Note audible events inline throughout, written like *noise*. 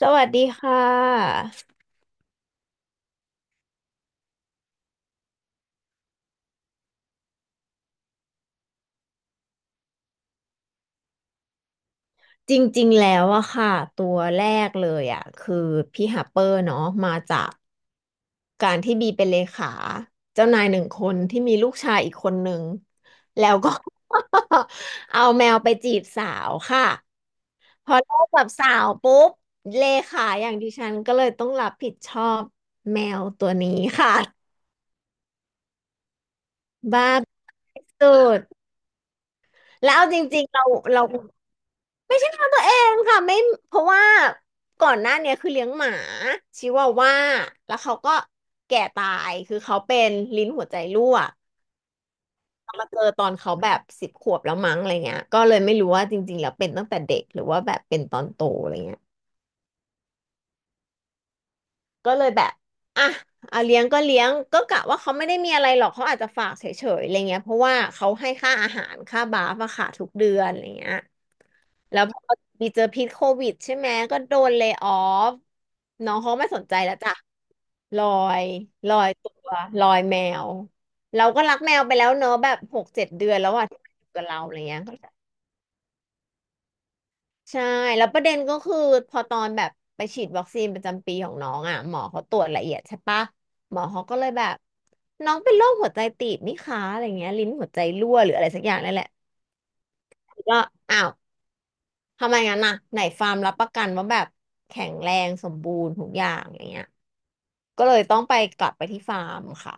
สวัสดีค่ะจริงๆแล้วอะค่ะตัวแรกเลยอะคือพี่ฮัปเปอร์เนาะมาจากการที่บีเป็นเลขาเจ้านายหนึ่งคนที่มีลูกชายอีกคนหนึ่งแล้วก็ *laughs* เอาแมวไปจีบสาวค่ะพอเลิกกับสาวปุ๊บเลขาอย่างดิฉันก็เลยต้องรับผิดชอบแมวตัวนี้ค่ะบ้าสุด แล้วเอาจริงๆเราไม่ใช่ของตัวเองค่ะไม่เพราะว่าก่อนหน้าเนี้ยคือเลี้ยงหมาชิวาว่าแล้วเขาก็แก่ตายคือเขาเป็นลิ้นหัวใจรั่วมาเจอตอนเขาแบบสิบขวบแล้วมั้งอะไรเงี้ยก็เลยไม่รู้ว่าจริงๆแล้วเป็นตั้งแต่เด็กหรือว่าแบบเป็นตอนโตอะไรเงี้ย ก็เลยแบบอ่ะอ่ะเลี้ยงก็เลี้ยงก็กะว่าเขาไม่ได้มีอะไรหรอกเขาอาจจะฝากเฉยๆอะไรเงี้ยเพราะว่าเขาให้ค่าอาหารค่าบาฟอะค่ะทุกเดือนอะไรเงี้ยแล้วพอมีเจอพิษโควิดใช่ไหมก็โดนเล y o ออฟน้องเขาไม่สนใจแล้วจ้ะลอยลอยตัวลอยแมวเราก็รักแมวไปแล้วเนอะแบบหกเจ็ดเดือนแล้วอะที่มันอยู่กับเราอะไรเงี้ย ใช่แล้วประเด็นก็คือพอตอนแบบไปฉีดวัคซีนประจำปีของน้องอ่ะหมอเขาตรวจละเอียดใช่ปะหมอเขาก็เลยแบบน้องเป็นโรคหัวใจตีบนี่คะอะไรเงี้ยลิ้นหัวใจรั่วหรืออะไรสักอย่างนั่นแหละก็อ้าวทำไมงั้นน่ะไหนฟาร์มรับประกันว่าแบบแข็งแรงสมบูรณ์ทุกอย่างอย่างเงี้ยก็เลยต้องไปกลับไปที่ฟาร์มค่ะ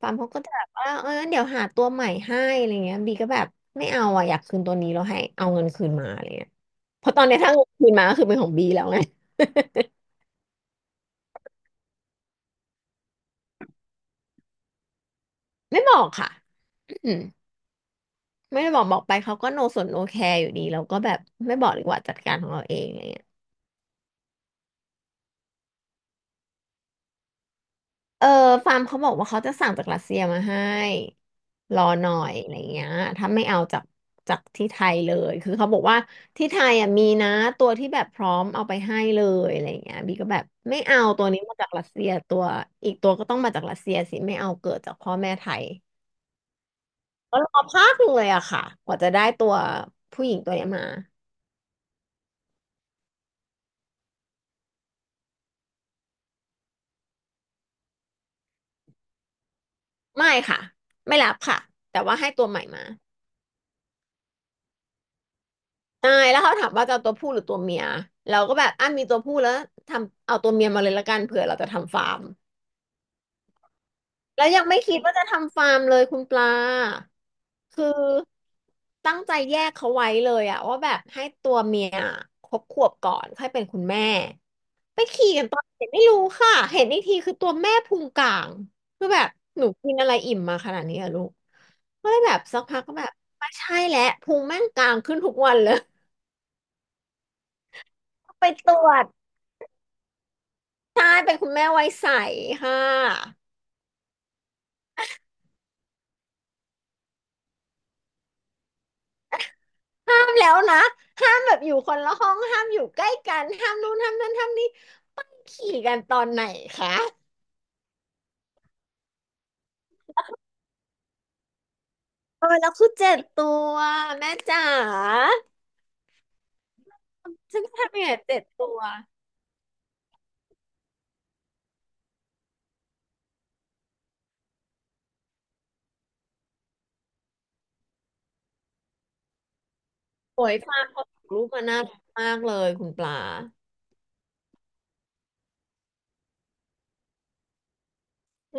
ปามเขาก็จะแบบว่าเอองั้นเดี๋ยวหาตัวใหม่ให้อะไรเงี้ยบีก็แบบไม่เอาอ่ะอยากคืนตัวนี้แล้วให้เอาเงินคืนมาอะไรเงี้ยเพราะตอนเนี้ยถ้าเงินคืนมาก็คือเป็นของบีแล้วไง *laughs* ไม่บอกค่ะอืมไม่ได้บอกไปเขาก็โนสนโอแคร์อยู่ดีเราก็แบบไม่บอกดีกว่าจัดการของเราเองอะไรเงี้ย เออฟาร์มเขาบอกว่าเขาจะสั่งจากรัสเซียมาให้รอหน่อยอะไรเงี้ยถ้าไม่เอาจากที่ไทยเลยคือเขาบอกว่าที่ไทยอ่ะมีนะตัวที่แบบพร้อมเอาไปให้เลยอะไรเงี้ยบีก็แบบไม่เอาตัวนี้มาจากรัสเซียตัวอีกตัวก็ต้องมาจากรัสเซียสิไม่เอาเกิดจากพ่อแม่ไทยก็รอพักหนึ่งเลยอะค่ะกว่าจะได้ตัวผู้หญิงตัวเนี้ยมาไม่ค่ะไม่รับค่ะแต่ว่าให้ตัวใหม่มา ใช่แล้วเขาถามว่าจะเอาตัวผู้หรือตัวเมียเราก็แบบอ่ะมีตัวผู้แล้วทำเอาตัวเมียมาเลยละกันเผื่อเราจะทำฟาร์มแล้วยังไม่คิดว่าจะทำฟาร์มเลยคุณปลาคือตั้งใจแยกเขาไว้เลยอะว่าแบบให้ตัวเมียครบขวบก่อนค่อยเป็นคุณแม่ไปขี่กันตอนเด็กไม่รู้ค่ะเห็นอีกทีคือตัวแม่พุงกลางคือแบบหนูกินอะไรอิ่มมาขนาดนี้อะลูกก็เลยแบบสักพักก็แบบไม่ใช่แล้วพุงแม่งกลางขึ้นทุกวันเลย *laughs* ไปตรวจ ใช่เป็นคุณแม่วัยใสค่ะห้ามแล้วนะห้ามแบบอยู่คนละห้องห้ามอยู่ใกล้กันห้ามนู่นห้ามนั่นห้ามนี่ขี่กันตอนไหนคะเออแล้วคือเจ็ดตัวแม่จ๋าฉันจะทำยังไงเจ็ดตัวโอยฟาร์มเขาูกลูกมาน่ารักมากเลยคุณปลา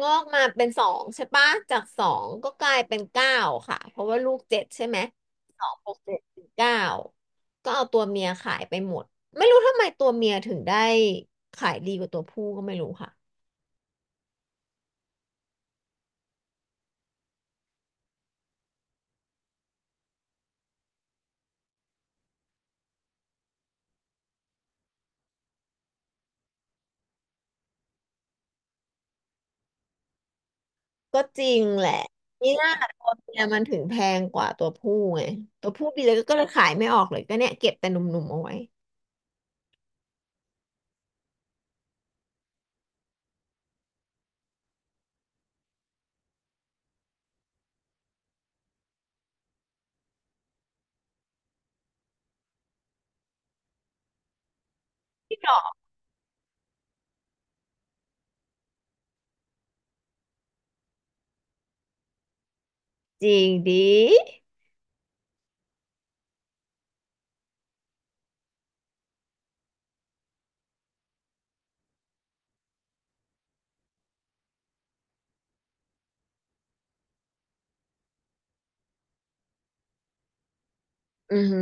งอกมาเป็นสองใช่ปะจากสองก็กลายเป็นเก้าค่ะเพราะว่าลูกเจ็ดใช่ไหมสองบวกเจ็ดเป็นเก้าก็เอาตัวเมียขายไปหมดไม่รู้ทำไมตัวเมียถึงได้ขายดีกว่าตัวผู้ก็ไม่รู้ค่ะก็จริงแหละนี่น่าตัวเมียมันถึงแพงกว่าตัวผู้ไงตัวผู้ดีเลยก็เลยขายไม่ออกเลยก็เนี่ยเก็บแต่หนุ่มๆเอาไว้จริงดิอือฮึ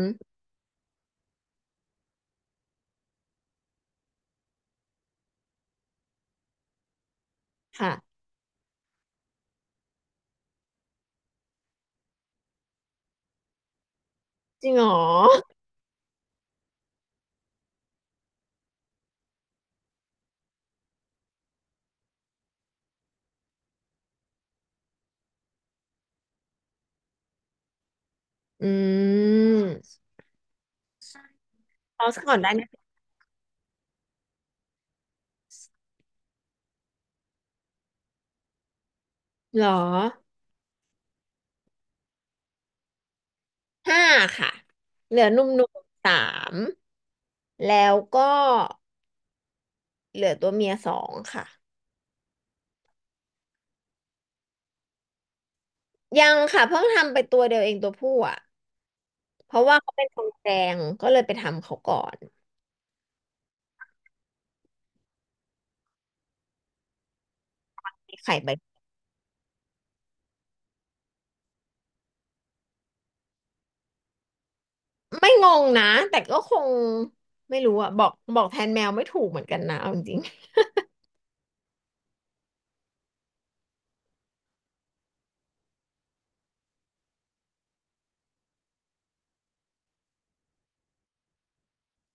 ค่ะจริงเหรออืมเอาซะก่อนได้ไหมเหรอ ห้าค่ะเหลือหนุ่มๆสามแล้วก็เหลือตัวเมียสองค่ะยังค่ะเพิ่งทำไปตัวเดียวเองตัวผู้อ่ะเพราะว่าเขาเป็นทองแดงก็เลยไปทำเขาก่อนไข่ใบไม่งงนะแต่ก็คงไม่รู้อะบอกบอกแทนแมวไม่ถูกเหมือนกันนะเอาจริง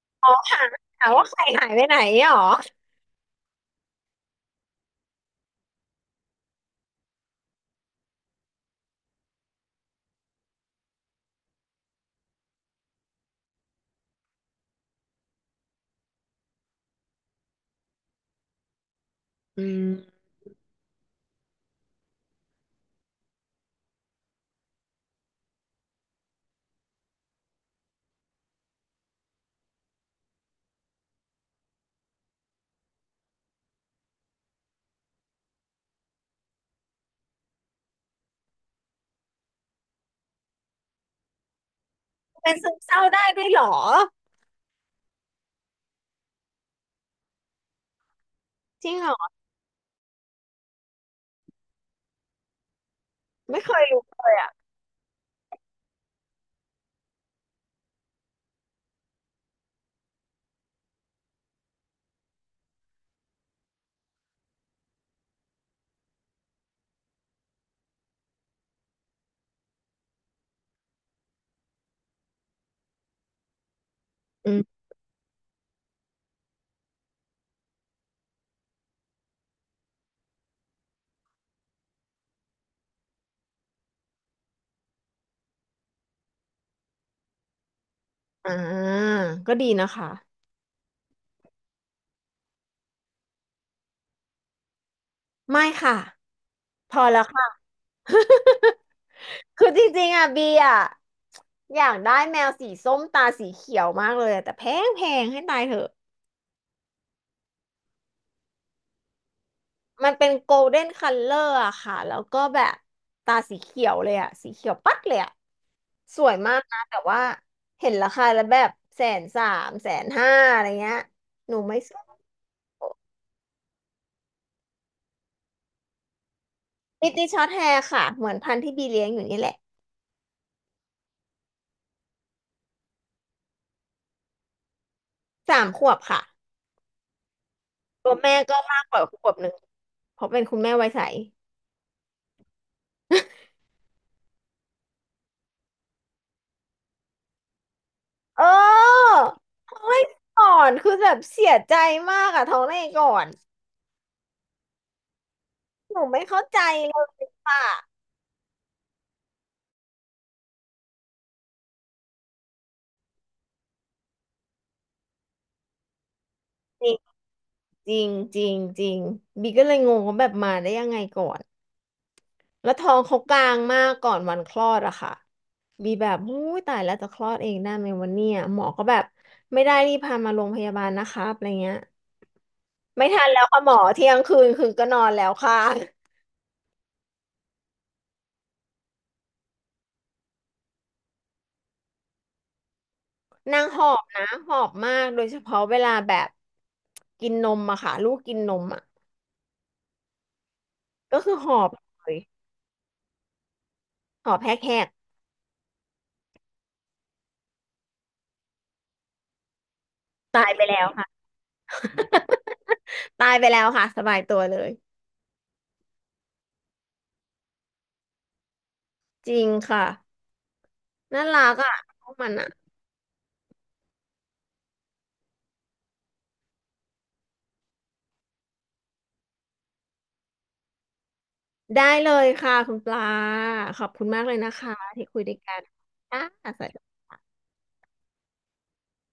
ๆอ๋อถามว่าไข่หายไปไหนหรออืมเป็นซึมเศร้าได้ด้วยหรอจริงหรอไม่เคยรู้เลยอ่ะอืมอ่าก็ดีนะคะ ไม่ค่ะพอแล้วค่ะ *laughs* คือจริงๆอ่ะบีอ่ะอยากได้แมวสีส้มตาสีเขียวมากเลยอะแต่แพงให้ตายเถอะมันเป็นโกลเด้นคัลเลอร์อะค่ะแล้วก็แบบตาสีเขียวเลยอะสีเขียวปั๊ดเลยอะสวยมากนะแต่ว่าเห็นราคาแล้วแบบแสนสามแสนห้าอะไรเงี้ยหนูไม่ซื้อมิติช็อตแฮร์ค่ะเหมือนพันธุ์ที่บีเลี้ยงอยู่นี่แหละสามขวบค่ะตัวแม่ก็มากกว่าขวบหนึ่งเพราะเป็นคุณแม่ไวยใส เออท้องได้ก่อนคือแบบเสียใจมากอะท้องได้ก่อนหนูไม่เข้าใจเลยค่ะจริงจริงจริงบีก็เลยงงว่าแบบมาได้ยังไงก่อนแล้วท้องเขากลางมากก่อนวันคลอดอะค่ะบีแบบหู้ยตายแล้วจะคลอดเองได้ไหมวันเนี้ยหมอก็แบบไม่ได้รีบพามาโรงพยาบาลนะครับอะไรเงี้ยไม่ทันแล้วค่ะหมอเที่ยงคืนคือก็นอนแล้วค่ะนางหอบนะหอบมากโดยเฉพาะเวลาแบบกินนมอะค่ะลูกกินนมอะ ก็คือหอบเลยหอบแฮกแฮกตายไปแล้วค่ะ *laughs* ตายไปแล้วค่ะสบายตัวเลยจริงค่ะน่ารักอ่ะพวกมันอ่ะได้เลยค่ะคุณปลาขอบคุณมากเลยนะคะที่คุยด้วยกันค่ะ